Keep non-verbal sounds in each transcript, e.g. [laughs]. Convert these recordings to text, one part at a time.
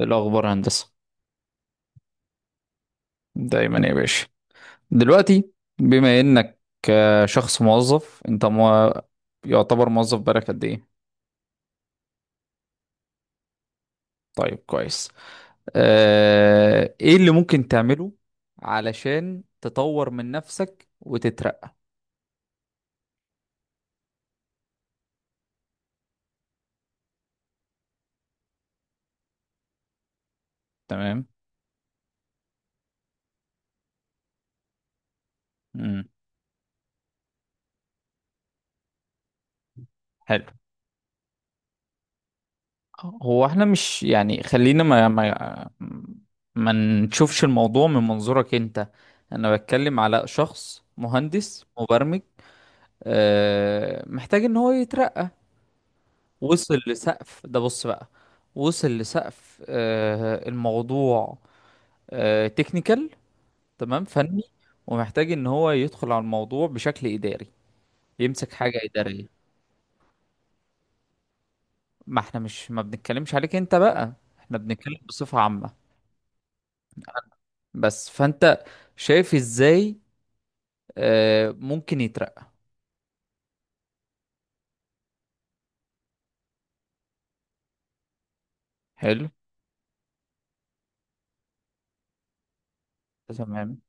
الأخبار هندسة، دايما يا باشا. دلوقتي بما إنك شخص موظف أنت يعتبر موظف بقالك قد إيه؟ طيب كويس. إيه اللي ممكن تعمله علشان تطور من نفسك وتترقى؟ تمام؟ مم. حلو. هو احنا مش يعني خلينا ما نشوفش الموضوع من منظورك انت. انا بتكلم على شخص مهندس مبرمج محتاج ان هو يترقى. وصل لسقف ده، بص بقى، وصل لسقف الموضوع، تكنيكال، تمام، فني. ومحتاج ان هو يدخل على الموضوع بشكل اداري، يمسك حاجة ادارية. ما احنا مش ما بنتكلمش عليك انت بقى، احنا بنتكلم بصفة عامة. بس فانت شايف ازاي ممكن يترقى؟ حلو، تمام،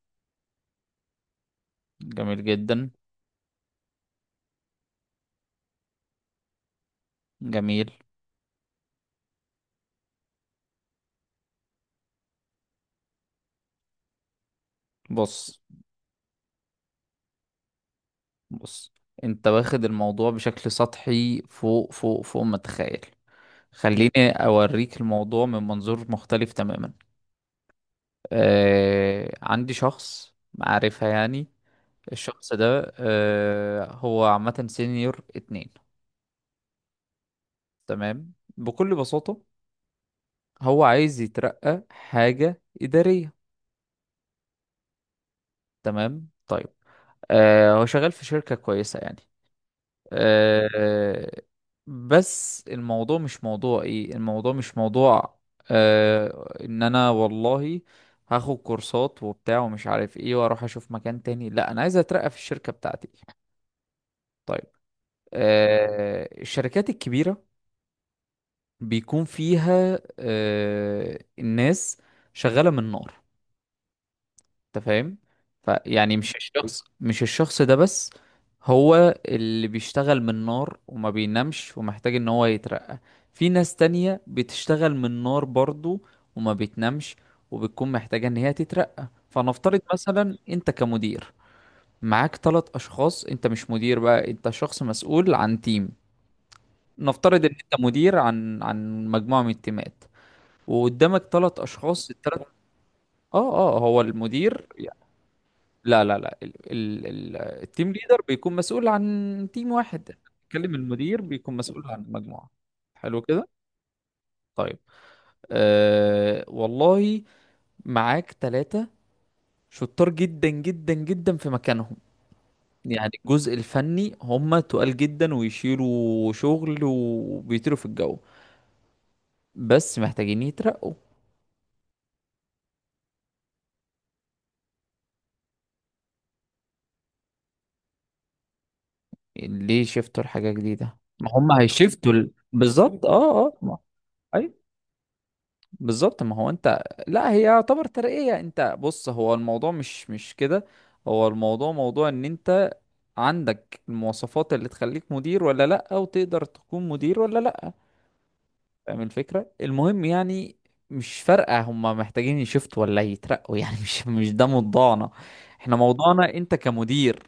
جميل جدا، جميل. بص بص، انت واخد الموضوع بشكل سطحي، فوق فوق فوق ما تتخيل. خليني أوريك الموضوع من منظور مختلف تماما. عندي شخص معرفة يعني، الشخص ده هو عامة سينيور 2. تمام، بكل بساطة هو عايز يترقى حاجة إدارية. تمام، طيب، هو شغال في شركة كويسة يعني. آه، بس الموضوع مش موضوع ايه، الموضوع مش موضوع ان انا والله هاخد كورسات وبتاع ومش عارف ايه واروح اشوف مكان تاني. لا، انا عايز اترقى في الشركة بتاعتي. طيب، الشركات الكبيرة بيكون فيها الناس شغالة من نار، انت فاهم؟ فيعني مش الشخص ده بس هو اللي بيشتغل من نار وما بينامش ومحتاج ان هو يترقى. في ناس تانية بتشتغل من نار برضو وما بتنامش وبتكون محتاجة ان هي تترقى. فنفترض مثلا انت كمدير معاك ثلاث اشخاص. انت مش مدير بقى، انت شخص مسؤول عن تيم. نفترض ان انت مدير عن مجموعة من التيمات، وقدامك ثلاث اشخاص، الثلاث. اه اه، هو المدير. لا لا لا، ال ال ال التيم ليدر بيكون مسؤول عن تيم واحد. بتكلم المدير بيكون مسؤول عن المجموعة. حلو كده. طيب، أه والله معاك ثلاثة شطار جدا جدا جدا في مكانهم، يعني الجزء الفني هم تقال جدا ويشيلوا شغل وبيطيروا في الجو، بس محتاجين يترقوا. يعني ليه شفتوا لحاجة جديدة؟ ما هم هيشفتوا، بالظبط، اه اه، أيوة. بالظبط. ما هو انت، لا، هي يعتبر ترقية. انت بص، هو الموضوع مش كده. هو الموضوع موضوع ان انت عندك المواصفات اللي تخليك مدير ولا لا، او تقدر تكون مدير ولا لا، فاهم الفكرة؟ المهم يعني مش فارقة هما محتاجين يشفتوا ولا يترقوا يعني [laughs] مش ده موضوعنا. احنا موضوعنا انت كمدير،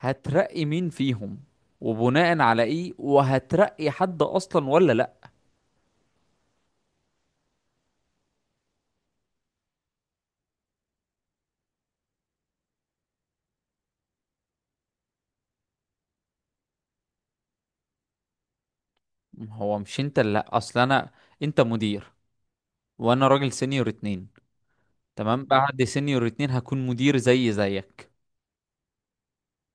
هترقي مين فيهم وبناء على ايه، وهترقي حد اصلا ولا لا؟ هو مش انت اللي، لا، اصل انا، انت مدير وانا راجل سينيور اتنين. تمام، بعد سينيور اتنين هكون مدير زي زيك.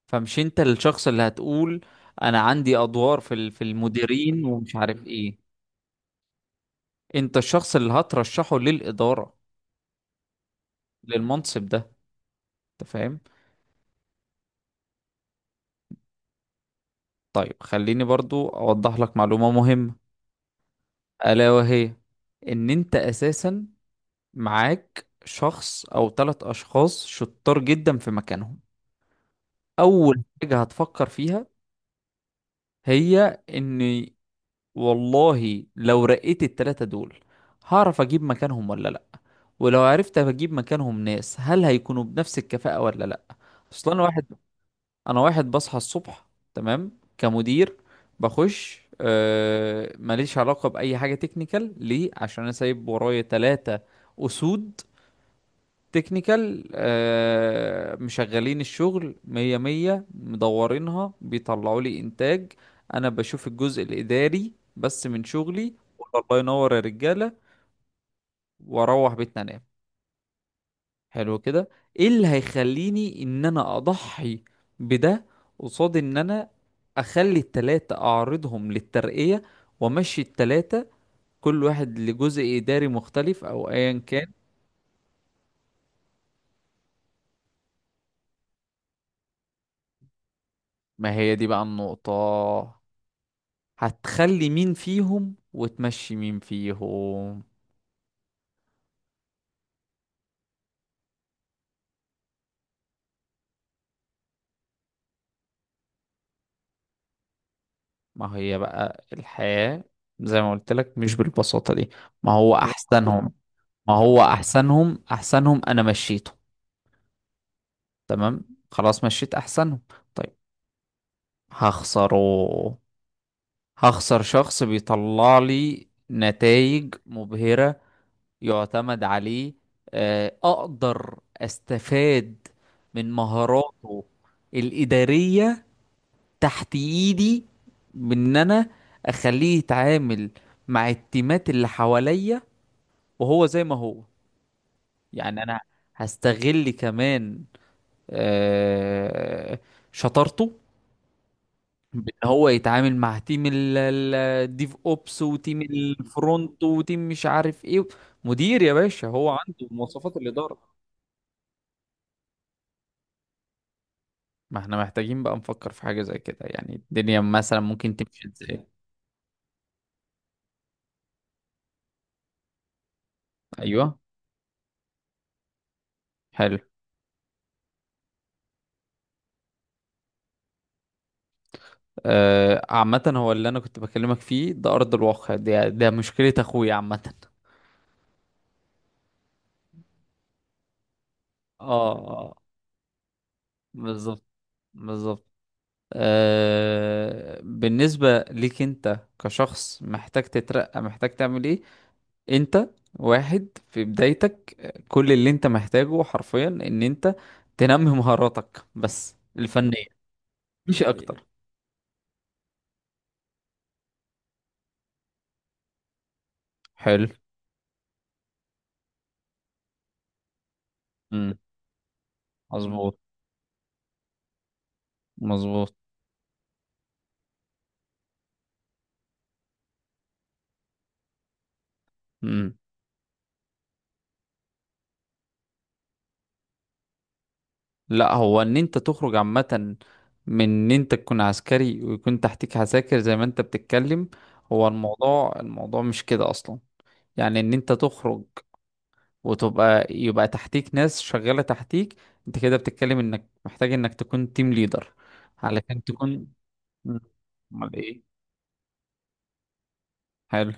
فمش انت الشخص اللي هتقول انا عندي ادوار في في المديرين ومش عارف ايه، انت الشخص اللي هترشحه للاداره، للمنصب ده، انت فاهم؟ طيب، خليني برضو اوضح لك معلومه مهمه، الا وهي ان انت اساسا معاك شخص او ثلاث اشخاص شطار جدا في مكانهم. اول حاجه هتفكر فيها هي ان والله لو رقيت التلاتة دول هعرف اجيب مكانهم ولا لا، ولو عرفت اجيب مكانهم ناس هل هيكونوا بنفس الكفاءة ولا لا؟ اصل انا واحد بصحى الصبح، تمام، كمدير، بخش، ماليش علاقة بأي حاجة تكنيكال، ليه؟ عشان انا سايب ورايا تلاتة اسود تكنيكال، مشغلين الشغل مية مية، مدورينها، بيطلعوا لي إنتاج. أنا بشوف الجزء الإداري بس من شغلي، أقول الله ينور يا رجالة، وأروح بيتنا أنام. حلو كده، إيه اللي هيخليني إن أنا أضحي بده قصاد إن أنا أخلي التلاتة أعرضهم للترقية وأمشي التلاتة كل واحد لجزء إداري مختلف أو أيا كان؟ ما هي دي بقى النقطة، هتخلي مين فيهم وتمشي مين فيهم؟ ما هي بقى الحياة زي ما قلت لك مش بالبساطة دي. ما هو أحسنهم ما هو أحسنهم أحسنهم أنا مشيته، تمام، خلاص مشيت أحسنهم. طيب، هخسره، هخسر شخص بيطلع لي نتائج مبهرة، يعتمد عليه، أقدر أستفاد من مهاراته الإدارية تحت ايدي، بان انا اخليه يتعامل مع التيمات اللي حواليا وهو زي ما هو. يعني انا هستغل كمان آه، شطارته بان هو يتعامل مع تيم الديف اوبس وتيم الفرونت وتيم مش عارف ايه. مدير يا باشا، هو عنده مواصفات الاداره. ما احنا محتاجين بقى نفكر في حاجه زي كده، يعني الدنيا مثلا ممكن تمشي ازاي؟ ايوه، حلو. عامة هو اللي انا كنت بكلمك فيه ده ارض الواقع، ده مشكلة اخويا عامة. اه، بالظبط، بالظبط. بالنسبة ليك انت كشخص محتاج تترقى، محتاج تعمل ايه؟ انت واحد في بدايتك، كل اللي انت محتاجه حرفيا ان انت تنمي مهاراتك بس الفنية دي، مش حقيقة اكتر. حلو. امم، مظبوط، مظبوط. مم. لا، هو ان انت تخرج عامة من ان انت تكون عسكري ويكون تحتك عساكر زي ما انت بتتكلم، هو الموضوع، مش كده اصلا. يعني ان انت تخرج وتبقى، يبقى تحتيك ناس شغالة تحتيك، انت كده بتتكلم انك محتاج انك تكون تيم ليدر علشان تكون. مم. امال ايه؟ حلو،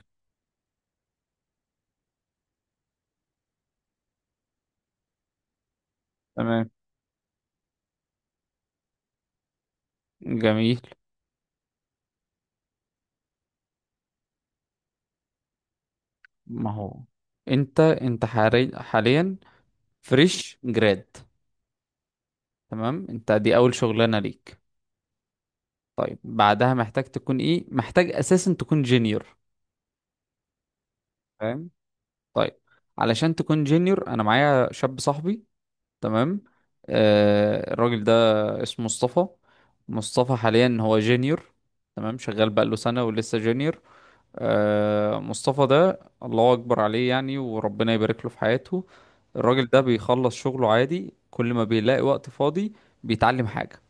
تمام، جميل. ما هو انت حاليا فريش جراد، تمام، انت دي اول شغلانة ليك. طيب، بعدها محتاج تكون ايه؟ محتاج اساسا تكون جينيور. فاهم، طيب، علشان تكون جينيور، انا معايا شاب صاحبي، تمام، الراجل ده اسمه مصطفى، مصطفى حاليا هو جينيور، تمام، شغال بقاله سنة ولسه جينيور. مصطفى ده الله اكبر عليه يعني، وربنا يبارك له في حياته. الراجل ده بيخلص شغله عادي، كل ما بيلاقي وقت فاضي بيتعلم حاجة.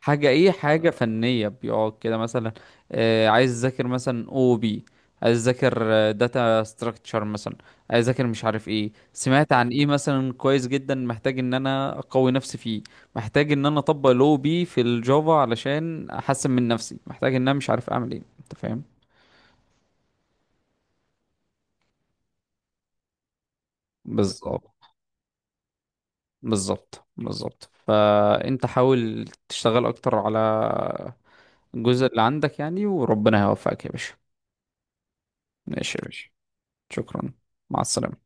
حاجة ايه؟ حاجة فنية، بيقعد كده مثلا عايز اذاكر مثلا او بي، عايز اذاكر داتا ستراكشر مثلا، عايز اذاكر مش عارف ايه، سمعت عن ايه مثلا كويس جدا محتاج ان انا اقوي نفسي فيه، محتاج ان انا اطبق الاو بي في الجافا علشان احسن من نفسي، محتاج ان انا مش عارف اعمل ايه، انت فاهم؟ بالظبط، بالظبط، بالظبط، فانت حاول تشتغل اكتر على الجزء اللي عندك يعني، وربنا هيوفقك يا باشا. ماشي يا باشا، شكرا، مع السلامة.